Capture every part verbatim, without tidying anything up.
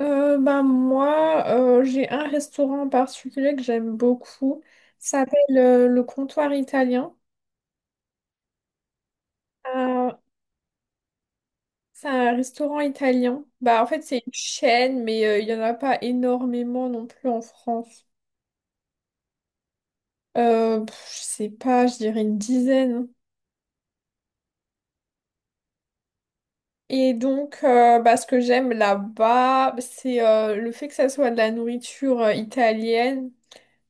Euh, bah, moi, euh, j'ai un restaurant en particulier que j'aime beaucoup. Ça s'appelle euh, le Comptoir Italien. Euh, c'est un restaurant italien. Bah, en fait, c'est une chaîne, mais euh, il n'y en a pas énormément non plus en France. Euh, pff, je sais pas, je dirais une dizaine. Et donc, euh, bah, ce que j'aime là-bas, bah, c'est euh, le fait que ça soit de la nourriture euh, italienne.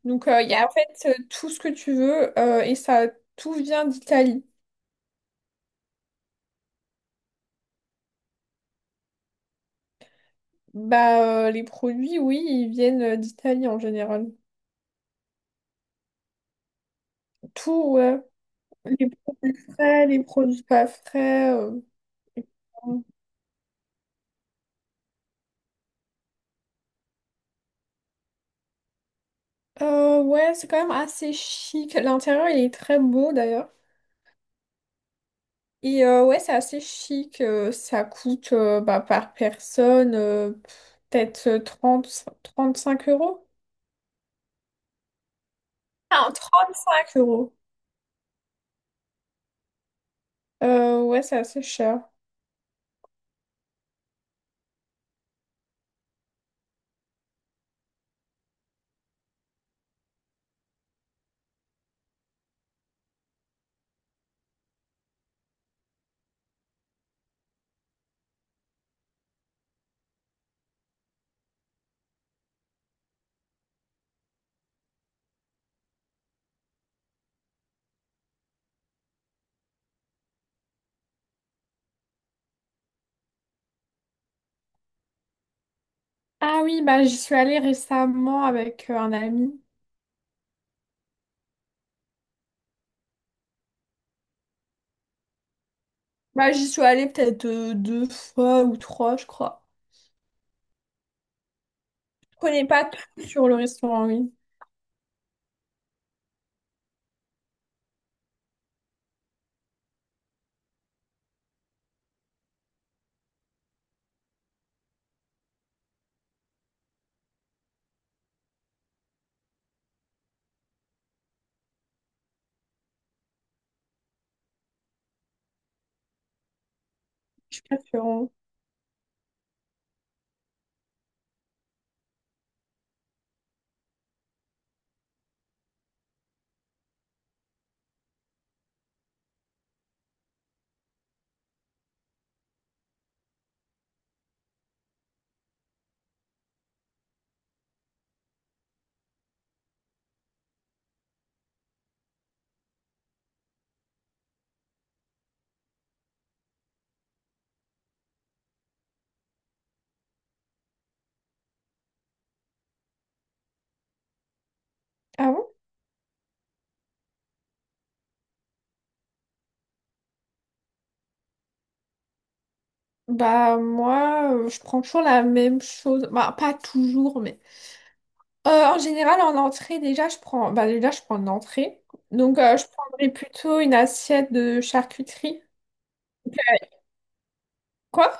Donc, euh, il y a en fait euh, tout ce que tu veux euh, et ça, tout vient d'Italie. Bah, euh, les produits, oui, ils viennent euh, d'Italie en général. Tout, ouais. Les produits frais, les produits pas frais. euh, Euh, ouais, c'est quand même assez chic. L'intérieur, il est très beau d'ailleurs. Et euh, ouais, c'est assez chic. Euh, ça coûte euh, bah, par personne euh, peut-être trente trente cinq euros. Ah, trente cinq euros. Euh, ouais, c'est assez cher. Ah oui, bah j'y suis allée récemment avec euh, un ami. Bah j'y suis allée peut-être euh, deux fois ou trois, je crois. Je connais pas tout sur le restaurant, oui. Je suis pas sûre. Hein. Ah bon? Bah moi, euh, je prends toujours la même chose. Bah pas toujours, mais euh, en général en entrée déjà je prends. Bah déjà je prends une entrée. Donc euh, je prendrais plutôt une assiette de charcuterie. Quoi?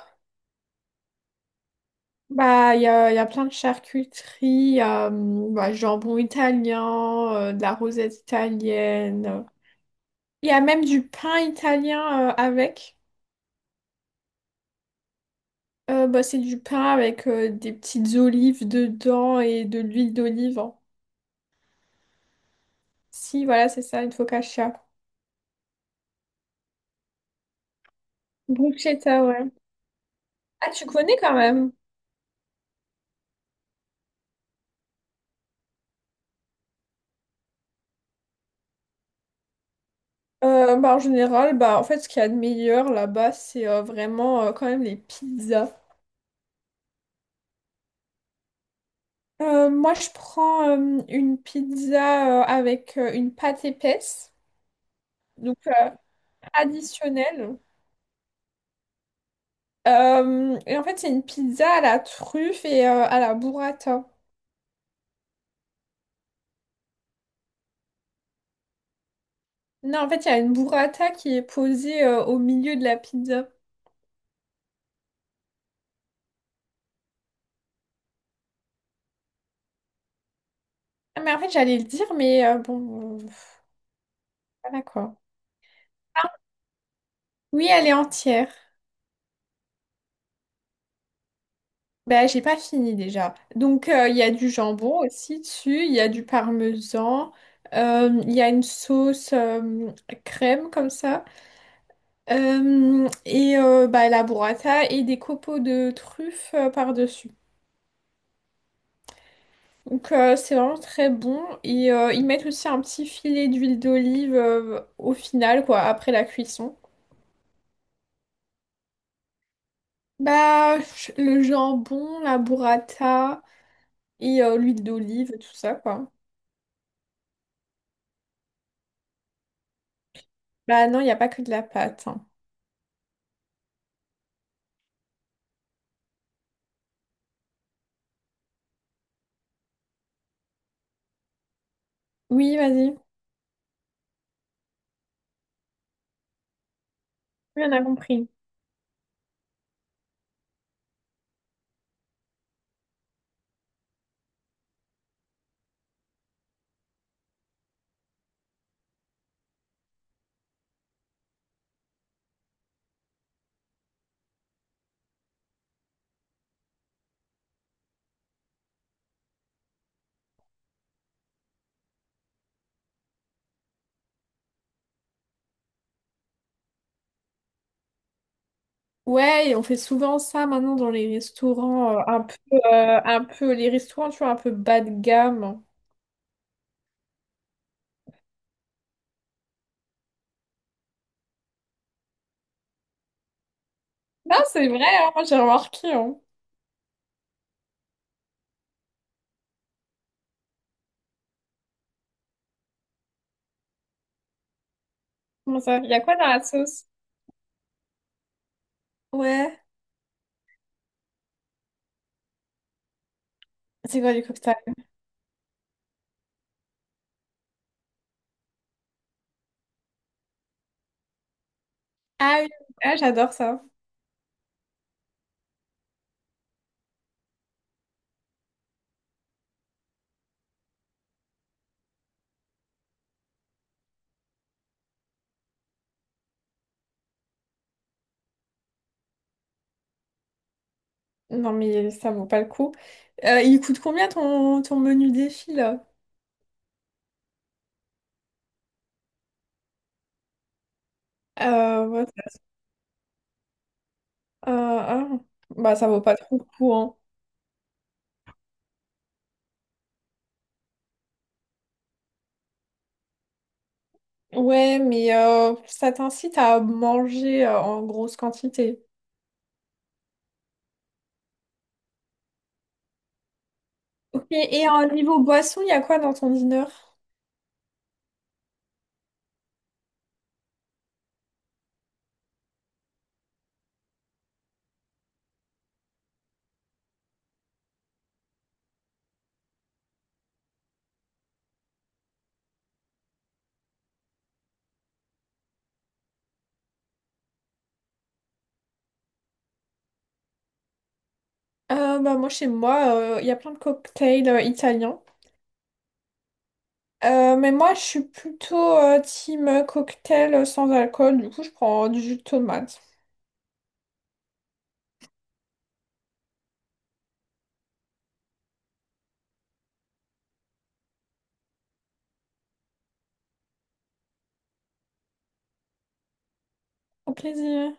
Bah, il y a, il y a plein de charcuteries, euh, bah, jambon italien, euh, de la rosette italienne. Il y a même du pain italien euh, avec. Euh, bah, c'est du pain avec euh, des petites olives dedans et de l'huile d'olive. Si, voilà, c'est ça, une focaccia. Bruschetta, ouais. Ah, tu connais quand même? Euh, bah, en général, bah, en fait, ce qu'il y a de meilleur là-bas, c'est euh, vraiment euh, quand même les pizzas. Euh, moi, je prends euh, une pizza euh, avec euh, une pâte épaisse, donc euh, traditionnelle. Euh, et en fait, c'est une pizza à la truffe et euh, à la burrata. Non, en fait, il y a une burrata qui est posée euh, au milieu de la pizza. Ah, mais en fait, j'allais le dire, mais euh, bon, euh, voilà quoi. Ah, Oui, elle est entière. Ben, j'ai pas fini déjà. Donc, euh, il y a du jambon aussi dessus, il y a du parmesan, euh, il y a une sauce euh, crème comme ça. Euh, et euh, bah, la burrata et des copeaux de truffes euh, par-dessus. Donc euh, c'est vraiment très bon. Et euh, ils mettent aussi un petit filet d'huile d'olive euh, au final, quoi, après la cuisson. Bah, ch- le jambon, la burrata et euh, l'huile d'olive, tout ça, quoi. Bah non, il n'y a pas que de la pâte. Hein. Oui, vas-y. Oui, on a compris. Ouais, et on fait souvent ça maintenant dans les restaurants, euh, un peu, euh, un peu, les restaurants, tu vois, un peu bas de gamme. Non, c'est vrai, hein, moi j'ai remarqué. Hein. Comment ça? Il y a quoi dans la sauce? Ouais. C'est quoi du cocktail? Ah oui, ah, j'adore ça. Non, mais ça vaut pas le coup. Euh, il coûte combien ton, ton menu défi là? Euh, ouais, euh, ah. Bah, ça vaut pas trop le coup. Hein. Ouais, mais euh, ça t'incite à manger euh, en grosse quantité. Ok, et en niveau boisson, il y a quoi dans ton dîner? Euh, bah, moi, chez moi, euh, il y a plein de cocktails euh, italiens. Euh, mais moi, je suis plutôt euh, team euh, cocktail euh, sans alcool. Du coup, je prends du jus de tomate. Au plaisir.